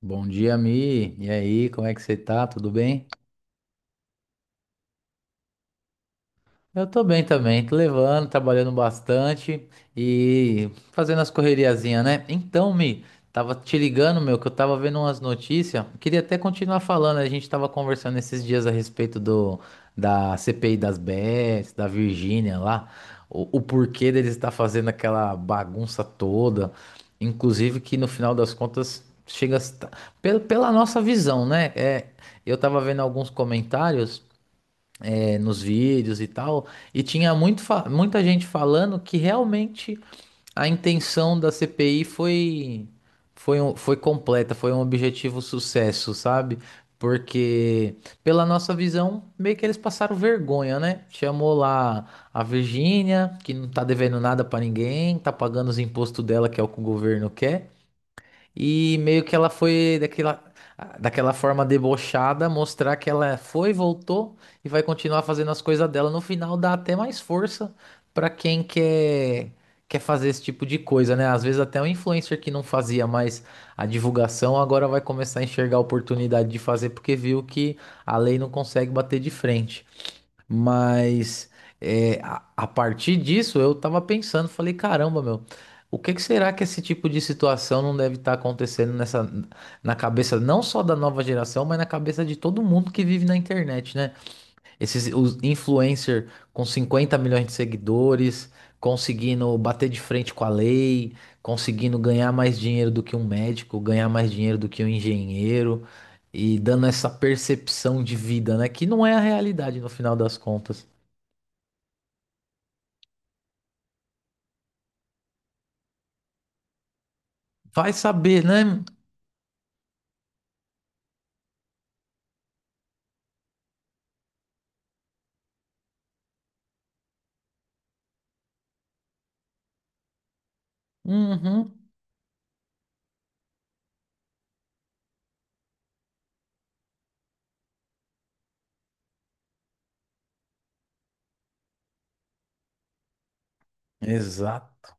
Bom dia, Mi. E aí, como é que você tá? Tudo bem? Eu tô bem também, tô levando, trabalhando bastante e fazendo as correriazinhas, né? Então, Mi, tava te ligando, meu, que eu tava vendo umas notícias. Queria até continuar falando, a gente tava conversando esses dias a respeito do da CPI das Bets, da Virgínia lá, o porquê deles estar fazendo aquela bagunça toda, inclusive que no final das contas chega a, pela, pela nossa visão, né? Eu tava vendo alguns comentários nos vídeos e tal, e tinha muita gente falando que realmente a intenção da CPI foi completa, foi um objetivo sucesso, sabe? Porque, pela nossa visão, meio que eles passaram vergonha, né? Chamou lá a Virgínia, que não tá devendo nada pra ninguém, tá pagando os impostos dela, que é o que o governo quer, e meio que ela foi daquela forma debochada, mostrar que ela foi, voltou e vai continuar fazendo as coisas dela. No final dá até mais força pra quer fazer esse tipo de coisa, né? Às vezes até um influencer que não fazia mais a divulgação agora vai começar a enxergar a oportunidade de fazer porque viu que a lei não consegue bater de frente. Mas a partir disso eu tava pensando, falei, caramba, meu, o que que será que esse tipo de situação não deve estar acontecendo na cabeça não só da nova geração, mas na cabeça de todo mundo que vive na internet, né? Esses os influencer com 50 milhões de seguidores, conseguindo bater de frente com a lei, conseguindo ganhar mais dinheiro do que um médico, ganhar mais dinheiro do que um engenheiro e dando essa percepção de vida, né? Que não é a realidade no final das contas. Vai saber, né? Uhum. Exato.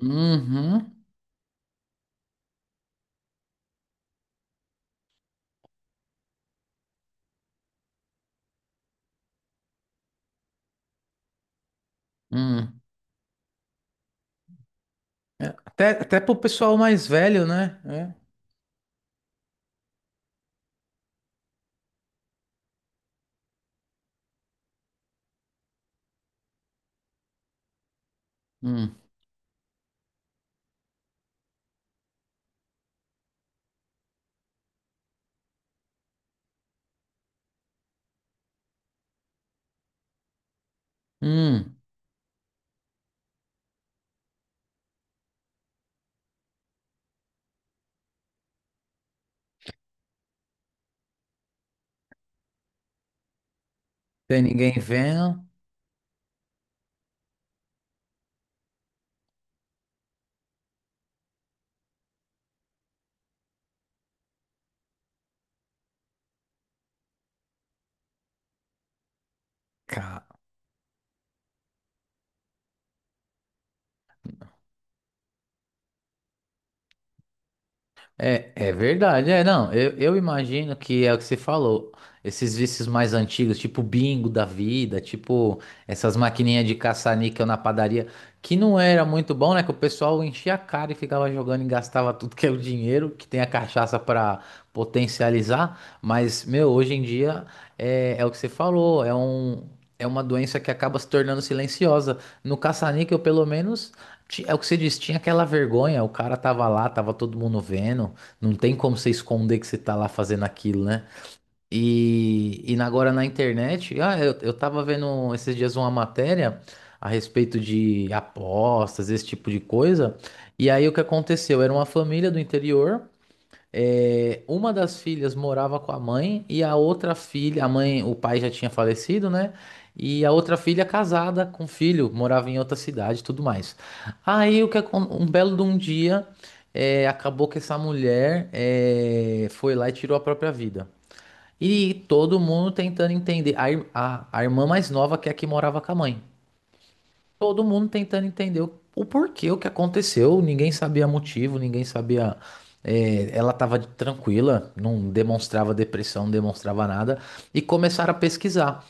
Uhum. Hum. Até, até pro pessoal mais velho, né? É. Hum. Hum. Tem ninguém vendo? Cara. É, é verdade, é, não, eu imagino que é o que você falou, esses vícios mais antigos, tipo bingo da vida, tipo essas maquininhas de caça-níquel na padaria, que não era muito bom, né, que o pessoal enchia a cara e ficava jogando e gastava tudo que é o dinheiro, que tem a cachaça pra potencializar, mas, meu, hoje em dia é o que você falou, é um... É uma doença que acaba se tornando silenciosa. No caça-níquel, pelo menos, é o que você disse, tinha aquela vergonha, o cara tava lá, tava todo mundo vendo, não tem como você esconder que você tá lá fazendo aquilo, né? E, agora na internet, ah, eu tava vendo esses dias uma matéria a respeito de apostas, esse tipo de coisa. E aí o que aconteceu? Era uma família do interior uma das filhas morava com a mãe e a outra filha, a mãe, o pai já tinha falecido, né? E a outra filha casada com filho, morava em outra cidade, e tudo mais. Aí o que um belo de um dia acabou que essa mulher foi lá e tirou a própria vida. E todo mundo tentando entender. A irmã mais nova que é a que morava com a mãe. Todo mundo tentando entender o porquê, o que aconteceu. Ninguém sabia motivo, ninguém sabia. Ela estava tranquila, não demonstrava depressão, não demonstrava nada. E começaram a pesquisar.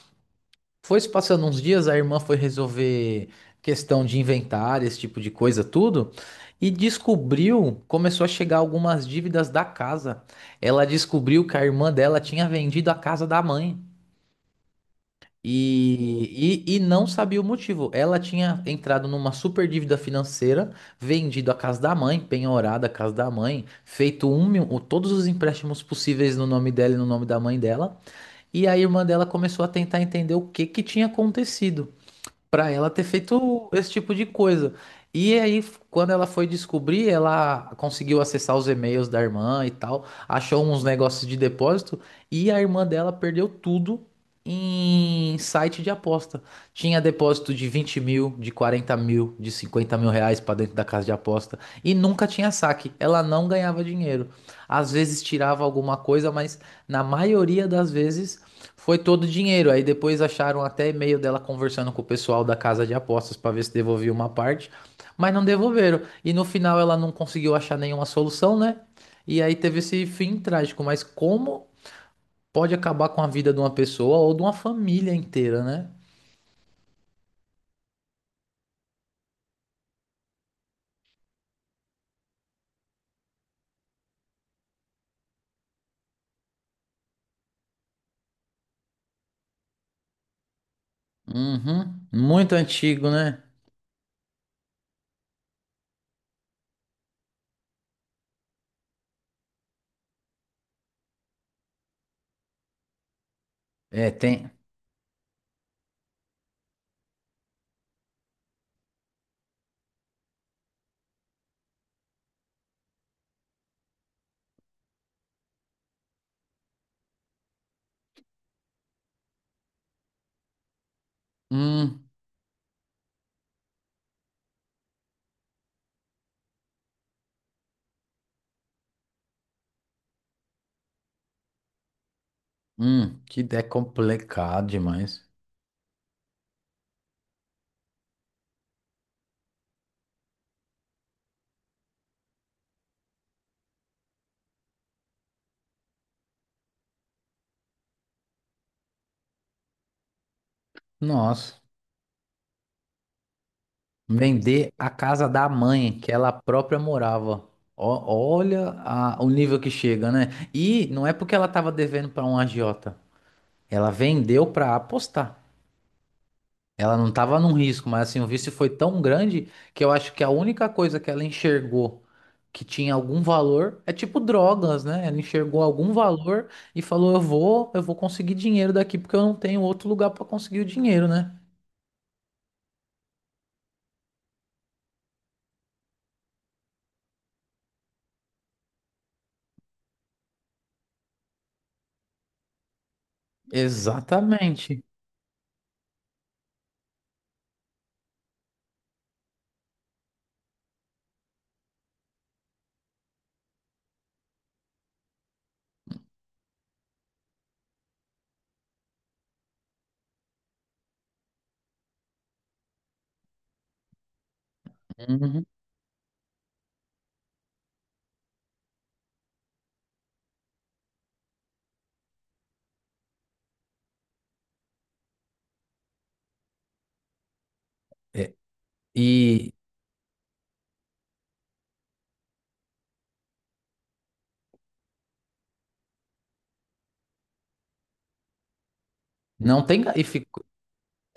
Foi se passando uns dias, a irmã foi resolver questão de inventário, esse tipo de coisa, tudo. E descobriu, começou a chegar algumas dívidas da casa. Ela descobriu que a irmã dela tinha vendido a casa da mãe. E não sabia o motivo. Ela tinha entrado numa super dívida financeira, vendido a casa da mãe, penhorado a casa da mãe, feito todos os empréstimos possíveis no nome dela e no nome da mãe dela. E a irmã dela começou a tentar entender o que que tinha acontecido pra ela ter feito esse tipo de coisa. E aí, quando ela foi descobrir, ela conseguiu acessar os e-mails da irmã e tal, achou uns negócios de depósito e a irmã dela perdeu tudo em site de aposta. Tinha depósito de 20 mil, de 40 mil, de 50 mil reais pra dentro da casa de aposta e nunca tinha saque. Ela não ganhava dinheiro. Às vezes tirava alguma coisa, mas na maioria das vezes foi todo o dinheiro. Aí depois acharam até e-mail dela conversando com o pessoal da casa de apostas para ver se devolvia uma parte, mas não devolveram. E no final ela não conseguiu achar nenhuma solução, né? E aí teve esse fim trágico. Mas como pode acabar com a vida de uma pessoa ou de uma família inteira, né? Uhum. Muito antigo, né? É, tem. Hum, que ideia complicada demais. Nossa. Vender a casa da mãe, que ela própria morava. O nível que chega, né? E não é porque ela tava devendo para um agiota. Ela vendeu para apostar. Ela não tava num risco, mas assim, o vício foi tão grande que eu acho que a única coisa que ela enxergou que tinha algum valor é tipo drogas, né? Ela enxergou algum valor e falou: Eu vou conseguir dinheiro daqui porque eu não tenho outro lugar para conseguir o dinheiro, né?" Exatamente. Uhum. É. E. Não tem.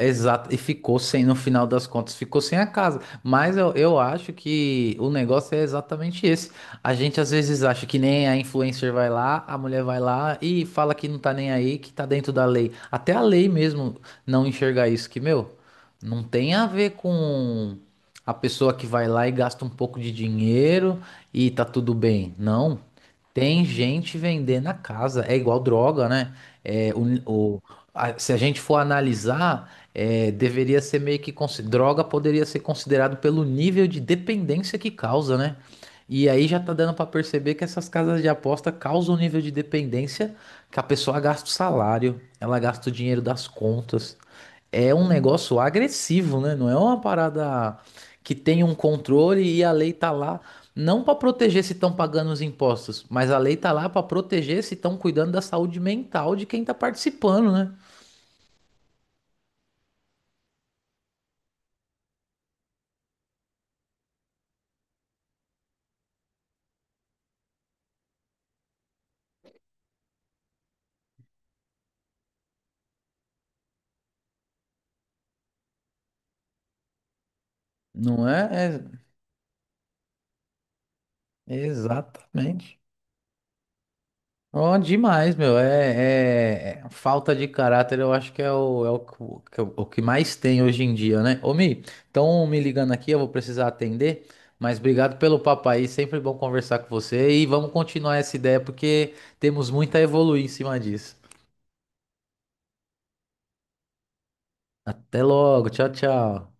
Exato, e ficou sem, no final das contas, ficou sem a casa. Mas eu acho que o negócio é exatamente esse. A gente às vezes acha que nem a influencer vai lá, a mulher vai lá e fala que não tá nem aí, que tá dentro da lei. Até a lei mesmo não enxergar isso, que, meu, não tem a ver com a pessoa que vai lá e gasta um pouco de dinheiro e tá tudo bem. Não. Tem gente vendendo a casa. É igual droga, né? É, o, o- Se a gente for analisar deveria ser meio que droga poderia ser considerado pelo nível de dependência que causa, né? E aí já tá dando pra perceber que essas casas de aposta causam um nível de dependência que a pessoa gasta o salário, ela gasta o dinheiro das contas. É um negócio agressivo, né? Não é uma parada que tem um controle e a lei tá lá não pra proteger se estão pagando os impostos, mas a lei tá lá pra proteger se estão cuidando da saúde mental de quem tá participando, né? Não é, é. Exatamente. Oh, demais, meu. Falta de caráter, eu acho que é o que mais tem hoje em dia, né? Ô, Mi, estão me ligando aqui, eu vou precisar atender, mas obrigado pelo papo aí, sempre bom conversar com você e vamos continuar essa ideia porque temos muito a evoluir em cima disso. Até logo, tchau, tchau.